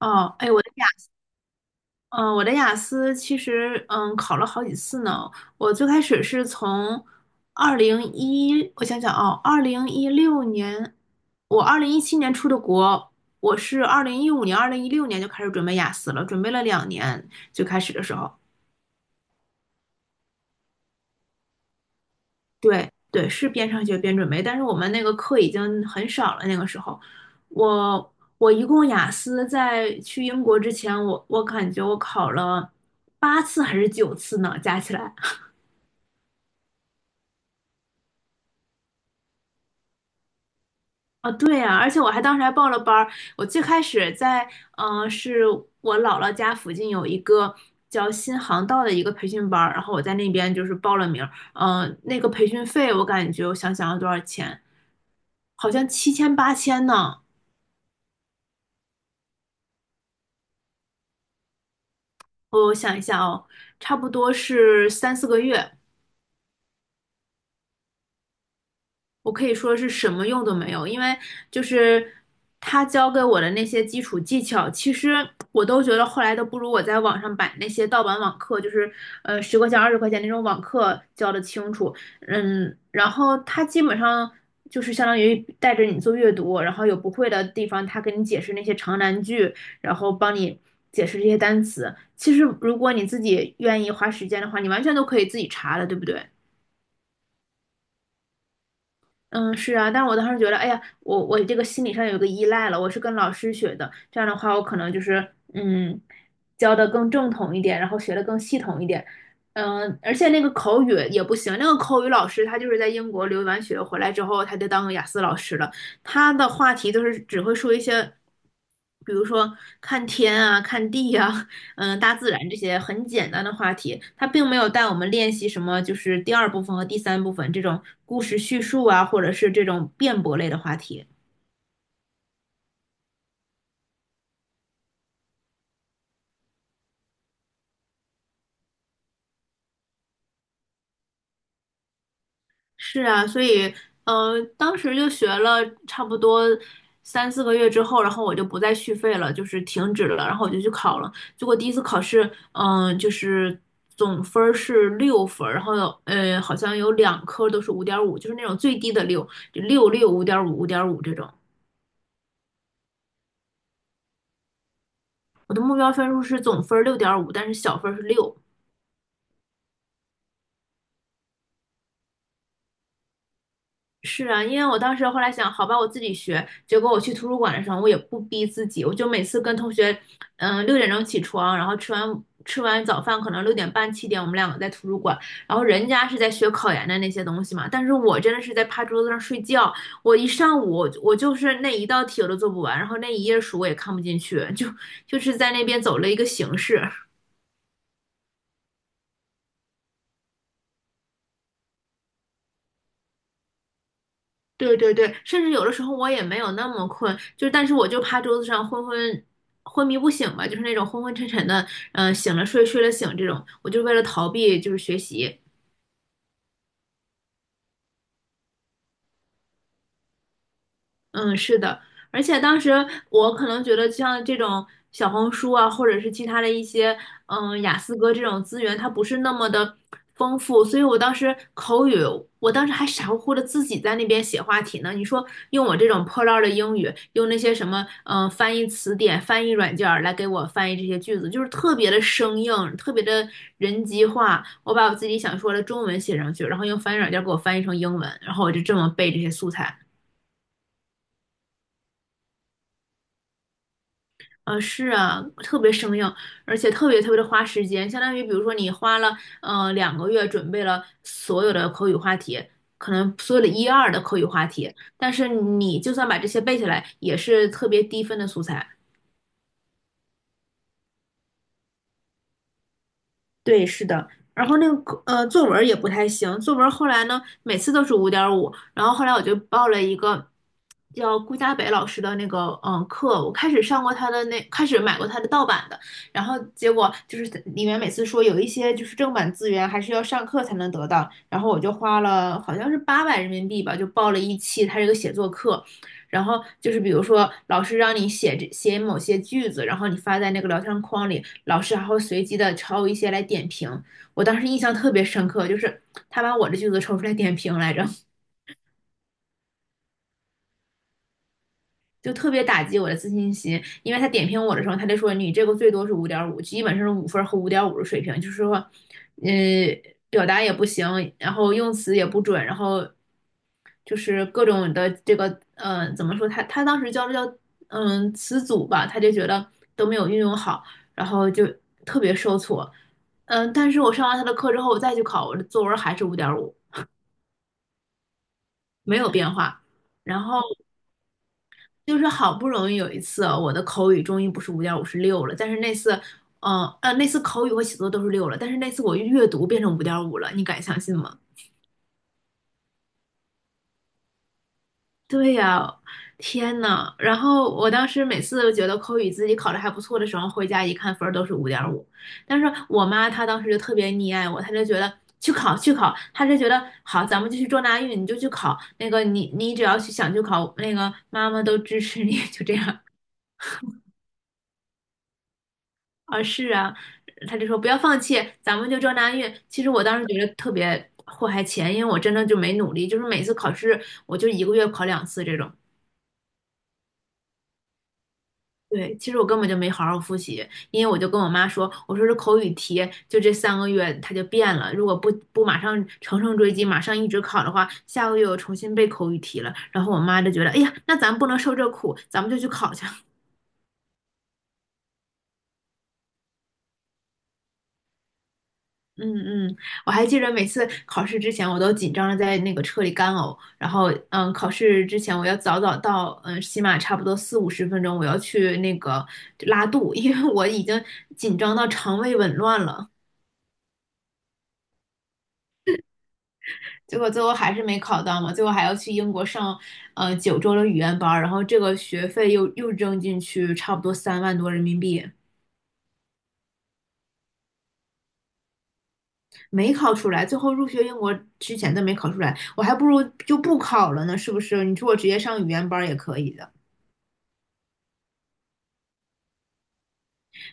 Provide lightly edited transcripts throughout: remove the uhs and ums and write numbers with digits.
哦，哎，我的雅思其实，考了好几次呢。我最开始是从二零一，我想想啊，二零一六年，我2017年出的国，我是2015年、二零一六年就开始准备雅思了，准备了2年，最开始的时候。对对，是边上学边准备，但是我们那个课已经很少了。那个时候，我一共雅思在去英国之前，我感觉我考了8次还是9次呢，加起来。啊，对呀，而且我还当时还报了班儿。我最开始在，嗯、是我姥姥家附近有一个叫新航道的一个培训班儿，然后我在那边就是报了名儿。嗯、那个培训费我感觉，我想想要多少钱，好像七千八千呢。我想一下哦，差不多是三四个月。我可以说是什么用都没有，因为就是他教给我的那些基础技巧，其实我都觉得后来都不如我在网上买那些盗版网课，就是十块钱、20块钱那种网课教的清楚。然后他基本上就是相当于带着你做阅读，然后有不会的地方，他给你解释那些长难句，然后帮你解释这些单词。其实如果你自己愿意花时间的话，你完全都可以自己查的，对不对？嗯，是啊，但我当时觉得，哎呀，我这个心理上有个依赖了，我是跟老师学的，这样的话，我可能就是教的更正统一点，然后学的更系统一点，而且那个口语也不行，那个口语老师他就是在英国留完学回来之后，他就当个雅思老师了，他的话题都是只会说一些，比如说看天啊、看地啊、大自然这些很简单的话题。他并没有带我们练习什么，就是第二部分和第三部分这种故事叙述啊，或者是这种辩驳类的话题。是啊，所以，当时就学了差不多三四个月之后，然后我就不再续费了，就是停止了，然后我就去考了。结果第一次考试，就是总分儿是6分儿然后好像有两科都是五点五，就是那种最低的六，就六六五点五五点五这种。我的目标分数是总分6.5，但是小分儿是六，是啊，因为我当时后来想，好吧，我自己学。结果我去图书馆的时候，我也不逼自己，我就每次跟同学，6点钟起床，然后吃完早饭，可能6点半7点，我们两个在图书馆。然后人家是在学考研的那些东西嘛，但是我真的是在趴桌子上睡觉。我一上午，我就是那一道题我都做不完，然后那一页书我也看不进去，就是在那边走了一个形式。对对对，甚至有的时候我也没有那么困，就但是我就趴桌子上昏迷不醒吧，就是那种昏昏沉沉的，醒了睡，睡了醒这种，我就为了逃避就是学习，嗯，是的，而且当时我可能觉得，像这种小红书啊，或者是其他的一些，雅思哥这种资源，它不是那么的丰富，所以我当时还傻乎乎的自己在那边写话题呢。你说用我这种破烂儿的英语，用那些什么，翻译词典、翻译软件儿来给我翻译这些句子，就是特别的生硬，特别的人机化。我把我自己想说的中文写上去，然后用翻译软件儿给我翻译成英文，然后我就这么背这些素材。是啊，特别生硬，而且特别特别的花时间，相当于比如说你花了2个月准备了所有的口语话题，可能所有的一二的口语话题，但是你就算把这些背下来，也是特别低分的素材。对，是的。然后那个，作文儿也不太行，作文儿后来呢，每次都是五点五。然后后来我就报了一个叫顾家北老师的那个课，我开始上过他的那，开始买过他的盗版的，然后结果就是里面每次说有一些就是正版资源还是要上课才能得到，然后我就花了好像是800人民币吧，就报了一期他这个写作课。然后就是比如说老师让你写某些句子，然后你发在那个聊天框里，老师还会随机的抽一些来点评。我当时印象特别深刻，就是他把我的句子抽出来点评来着。就特别打击我的自信心，因为他点评我的时候，他就说你这个最多是五点五，基本上是5分和5.5的水平，就是说，嗯，表达也不行，然后用词也不准，然后就是各种的这个，怎么说？他当时教这叫词组吧，他就觉得都没有运用好，然后就特别受挫。嗯，但是我上完他的课之后，我再去考，我的作文还是五点五，没有变化。然后就是好不容易有一次，我的口语终于不是五点五，是六了。但是那次口语和写作都是六了，但是那次我阅读变成五点五了，你敢相信吗？对呀，天呐！然后我当时每次觉得口语自己考得还不错的时候，回家一看分儿都是五点五。但是我妈她当时就特别溺爱我，她就觉得去考去考，她就觉得好，咱们就去撞大运，你就去考那个你只要去想去考，那个妈妈都支持你，就这样。啊，是啊，他就说不要放弃，咱们就这那运。其实我当时觉得特别祸害钱，因为我真的就没努力，就是每次考试我就一个月考两次这种。对，其实我根本就没好好复习，因为我就跟我妈说，我说这口语题就这3个月它就变了，如果不马上乘胜追击，马上一直考的话，下个月我重新背口语题了。然后我妈就觉得，哎呀，那咱不能受这苦，咱们就去考去。嗯嗯，我还记得每次考试之前，我都紧张的在那个车里干呕。然后，考试之前我要早早到，起码差不多四五十分钟，我要去那个拉肚，因为我已经紧张到肠胃紊乱了。结果最后还是没考到嘛，最后还要去英国上，9周的语言班儿，然后这个学费又扔进去，差不多3万多人民币，没考出来。最后入学英国之前都没考出来，我还不如就不考了呢，是不是？你说我直接上语言班儿也可以的。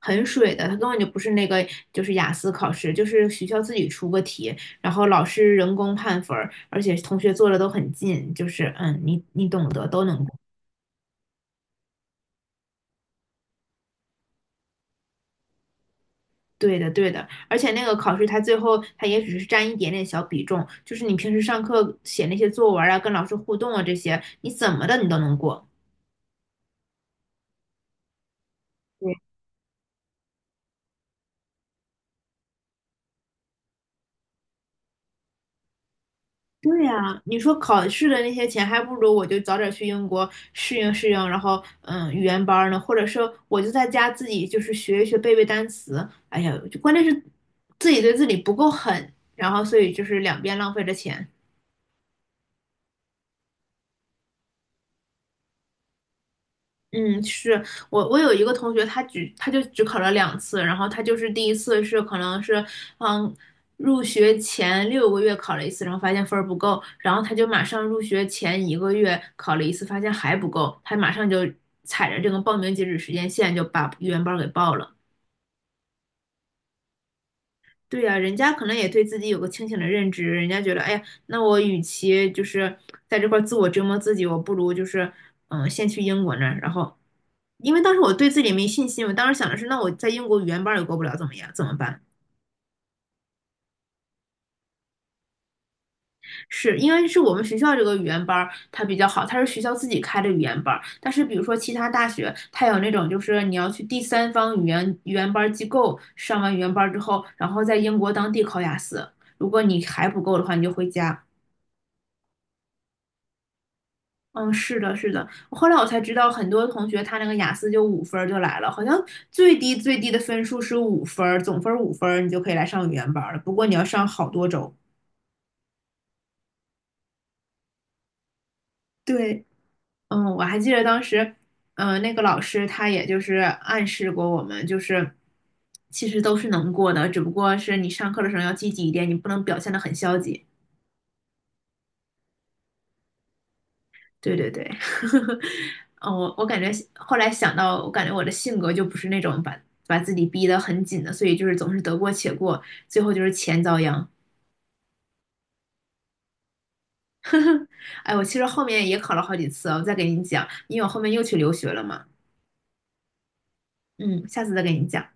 很水的，它根本就不是那个，就是雅思考试，就是学校自己出个题，然后老师人工判分儿，而且同学做的都很近，就是你懂得都能过。对的，对的，而且那个考试它最后它也只是占一点点小比重，就是你平时上课写那些作文啊，跟老师互动啊这些，你怎么的你都能过。对呀，你说考试的那些钱，还不如我就早点去英国适应适应，然后语言班儿呢，或者是我就在家自己就是学一学背背单词。哎呀，就关键是自己对自己不够狠，然后所以就是两边浪费着钱。嗯，是我有一个同学，他就只考了两次，然后他就是第一次是可能是，嗯，入学前6个月考了一次，然后发现分儿不够，然后他就马上入学前一个月考了一次，发现还不够，他马上就踩着这个报名截止时间线就把语言班儿给报了。对呀，人家可能也对自己有个清醒的认知，人家觉得，哎呀，那我与其就是在这块儿自我折磨自己，我不如就是先去英国那儿，然后，因为当时我对自己没信心，我当时想的是，那我在英国语言班儿也过不了，怎么样？怎么办？是因为我们学校这个语言班儿它比较好，它是学校自己开的语言班儿，但是比如说其他大学，它有那种就是你要去第三方语言班儿机构上完语言班儿之后，然后在英国当地考雅思，如果你还不够的话，你就回家。嗯，是的，是的。后来我才知道，很多同学他那个雅思就五分儿就来了，好像最低最低的分数是五分儿，总分儿五分儿，你就可以来上语言班儿了。不过你要上好多周。对，嗯，我还记得当时，那个老师他也就是暗示过我们，就是其实都是能过的，只不过是你上课的时候要积极一点，你不能表现得很消极。对对对，嗯，我感觉后来想到，我感觉我的性格就不是那种把自己逼得很紧的，所以就是总是得过且过，最后就是钱遭殃。哎，我其实后面也考了好几次啊我再给你讲，因为我后面又去留学了嘛，嗯，下次再给你讲。